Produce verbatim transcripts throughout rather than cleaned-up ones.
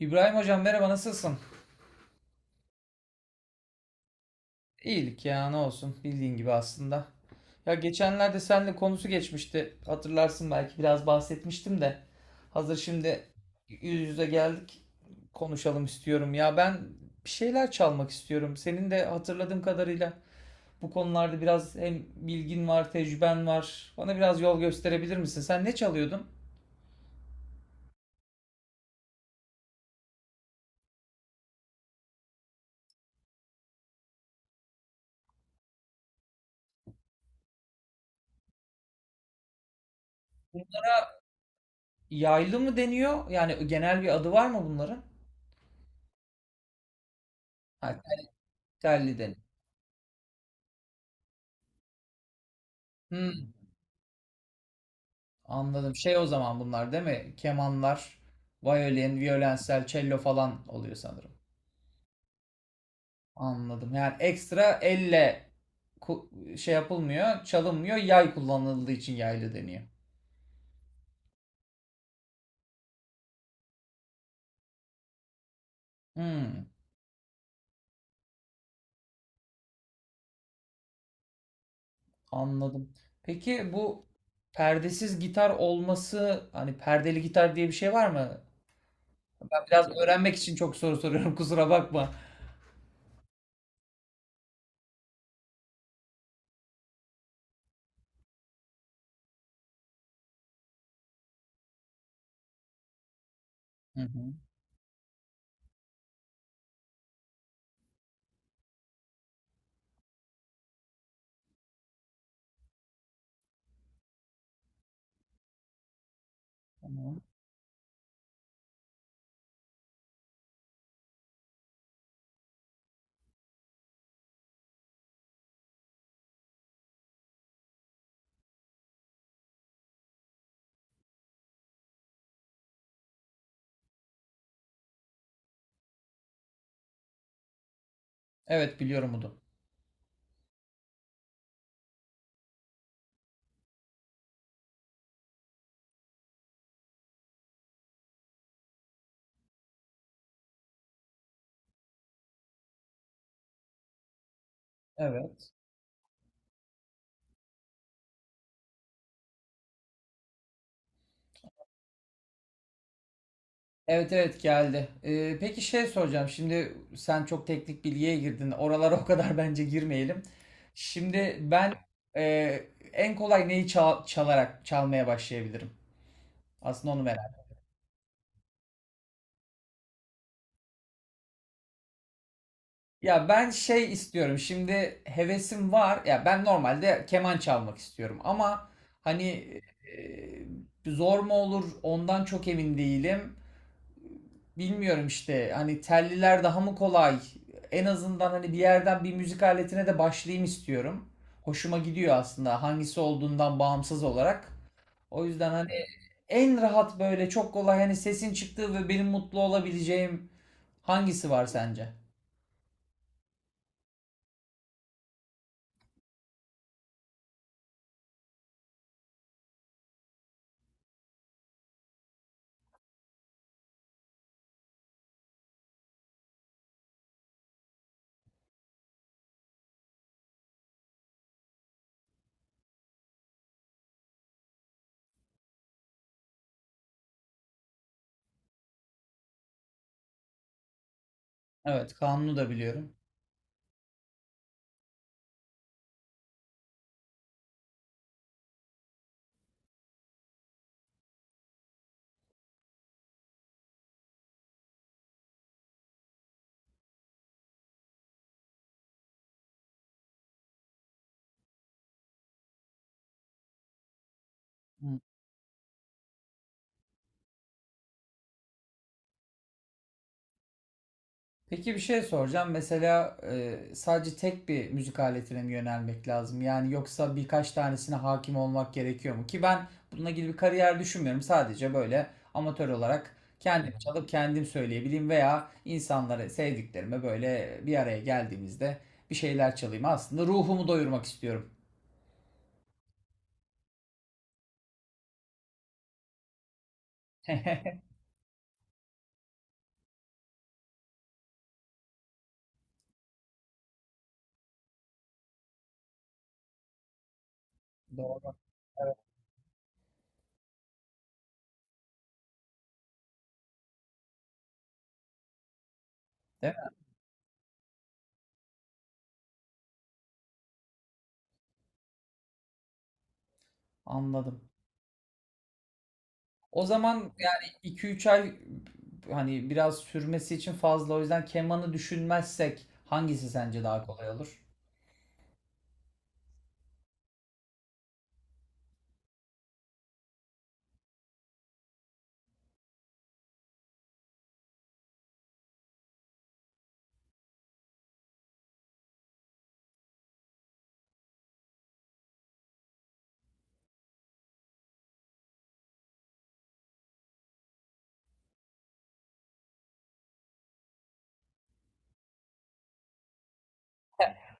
İbrahim hocam, merhaba, nasılsın? İyilik ya, ne olsun, bildiğin gibi aslında. Ya geçenlerde seninle konusu geçmişti. Hatırlarsın, belki biraz bahsetmiştim de. Hazır şimdi yüz yüze geldik. Konuşalım istiyorum. Ya ben bir şeyler çalmak istiyorum. Senin de hatırladığım kadarıyla bu konularda biraz hem bilgin var, tecrüben var. Bana biraz yol gösterebilir misin? Sen ne çalıyordun? Yaylı mı deniyor? Yani genel bir adı var mı bunların? Ha, telli deniyor. Hmm. Anladım. Şey, o zaman bunlar değil mi? Kemanlar, violin, violensel, cello falan oluyor sanırım. Anladım. Yani ekstra elle ku- şey yapılmıyor, çalınmıyor. Yay kullanıldığı için yaylı deniyor. Hmm, anladım. Peki bu perdesiz gitar olması, hani perdeli gitar diye bir şey var mı? Ben biraz öğrenmek için çok soru soruyorum, kusura bakma. Hı hı, tamam. Evet, biliyorum bunu. Evet. Evet evet, geldi. Ee, peki şey soracağım. Şimdi sen çok teknik bilgiye girdin. Oralara o kadar bence girmeyelim. Şimdi ben e, en kolay neyi çal- çalarak çalmaya başlayabilirim? Aslında onu merak. Ya ben şey istiyorum. Şimdi hevesim var. Ya ben normalde keman çalmak istiyorum ama hani e, zor mu olur ondan çok emin değilim. Bilmiyorum işte, hani telliler daha mı kolay? En azından hani bir yerden bir müzik aletine de başlayayım istiyorum. Hoşuma gidiyor aslında hangisi olduğundan bağımsız olarak. O yüzden hani en rahat böyle çok kolay, hani sesin çıktığı ve benim mutlu olabileceğim hangisi var sence? Evet, kanunu da biliyorum. Peki bir şey soracağım. Mesela e, sadece tek bir müzik aletine mi yönelmek lazım? Yani yoksa birkaç tanesine hakim olmak gerekiyor mu? Ki ben bununla ilgili bir kariyer düşünmüyorum. Sadece böyle amatör olarak kendim çalıp kendim söyleyebileyim veya insanlara, sevdiklerime, böyle bir araya geldiğimizde bir şeyler çalayım. Aslında ruhumu doyurmak istiyorum. Doğru. Evet, değil mi? Anladım. O zaman yani iki üç ay, hani biraz sürmesi için fazla. O yüzden kemanı düşünmezsek hangisi sence daha kolay olur?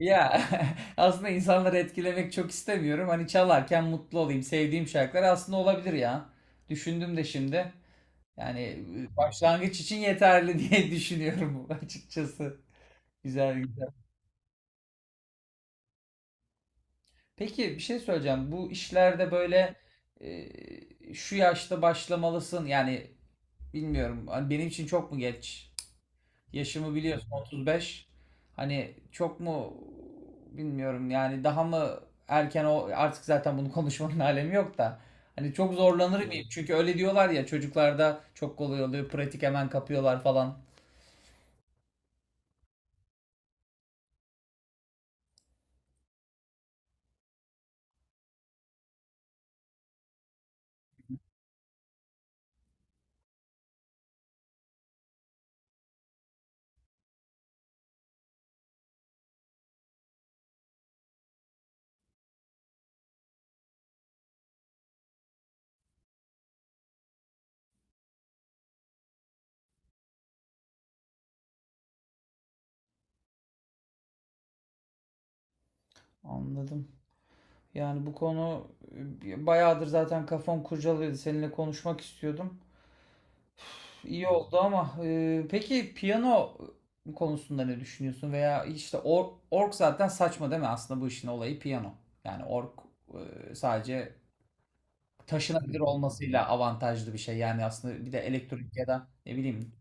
Ya, aslında insanları etkilemek çok istemiyorum. Hani çalarken mutlu olayım. Sevdiğim şarkılar aslında olabilir ya. Düşündüm de şimdi. Yani başlangıç için yeterli diye düşünüyorum açıkçası. Güzel güzel. Peki bir şey söyleyeceğim. Bu işlerde böyle e, şu yaşta başlamalısın. Yani bilmiyorum, hani benim için çok mu geç? Yaşımı Hı biliyorsun. hı. otuz beş. Hani çok mu bilmiyorum. Yani daha mı erken, o artık zaten bunu konuşmanın alemi yok da. Hani çok zorlanır Hı. mıyım? Çünkü öyle diyorlar ya, çocuklarda çok kolay oluyor. Pratik hemen kapıyorlar falan. Anladım. Yani bu konu e, bayağıdır zaten kafam kurcalıyordu. Seninle konuşmak istiyordum. İyi oldu ama. E, peki piyano konusunda ne düşünüyorsun? Veya işte org, org zaten saçma değil mi? Aslında bu işin olayı piyano. Yani org e, sadece taşınabilir olmasıyla avantajlı bir şey. Yani aslında bir de elektronik ya da ne bileyim.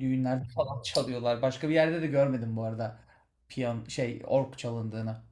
Düğünlerde falan çalıyorlar. Başka bir yerde de görmedim bu arada. Piyan, şey, org çalındığını.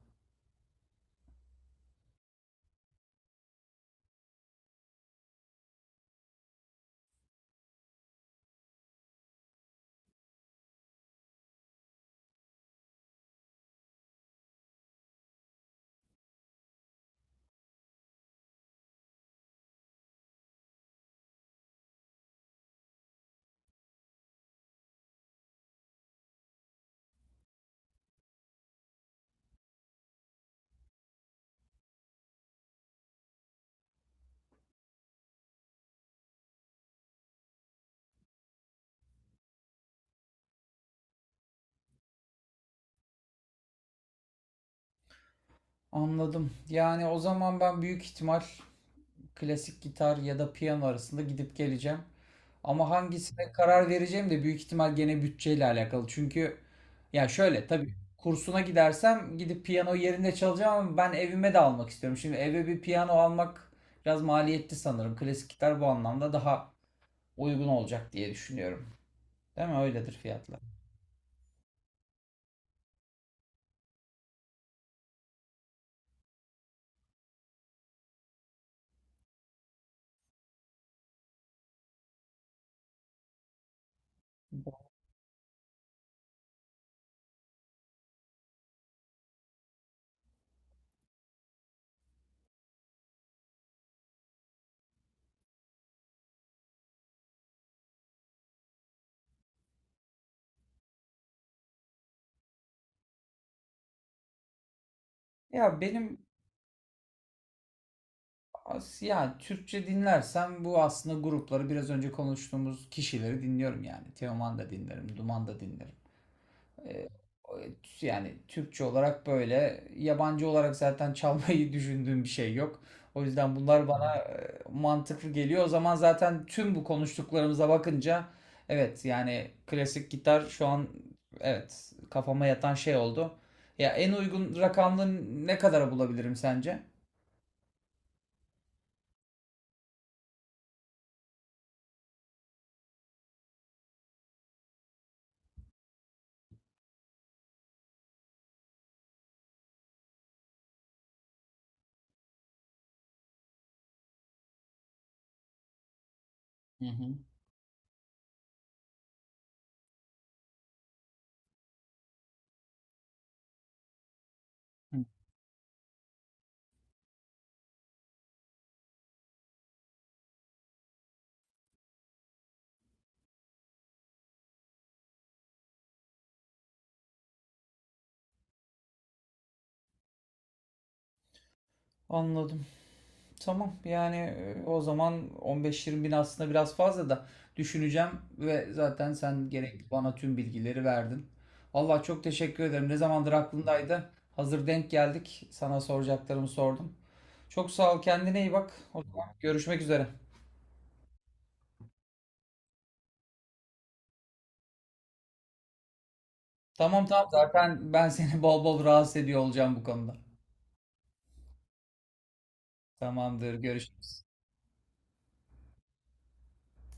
Anladım. Yani o zaman ben büyük ihtimal klasik gitar ya da piyano arasında gidip geleceğim. Ama hangisine karar vereceğim de büyük ihtimal gene bütçeyle alakalı. Çünkü ya şöyle, tabii kursuna gidersem gidip piyano yerinde çalacağım ama ben evime de almak istiyorum. Şimdi eve bir piyano almak biraz maliyetli sanırım. Klasik gitar bu anlamda daha uygun olacak diye düşünüyorum. Değil mi? Öyledir fiyatlar. Ya benim as- ya, Türkçe dinlersem bu aslında grupları, biraz önce konuştuğumuz kişileri dinliyorum yani. Teoman da dinlerim, Duman da dinlerim. Ee, yani Türkçe olarak böyle, yabancı olarak zaten çalmayı düşündüğüm bir şey yok. O yüzden bunlar bana e, mantıklı geliyor. O zaman zaten tüm bu konuştuklarımıza bakınca evet yani klasik gitar şu an evet kafama yatan şey oldu. Ya en uygun rakamlı ne kadara bulabilirim sence? Hı hı. Hı. Anladım. Tamam yani, e, o zaman on beş yirmi bin aslında biraz fazla da, düşüneceğim ve zaten sen gerekli bana tüm bilgileri verdin. Vallahi çok teşekkür ederim. Ne zamandır aklımdaydı. Hazır denk geldik. Sana soracaklarımı sordum. Çok sağ ol. Kendine iyi bak. O zaman görüşmek üzere. Tamam tamam, zaten ben seni bol bol rahatsız ediyor olacağım bu konuda. Tamamdır. Görüşürüz.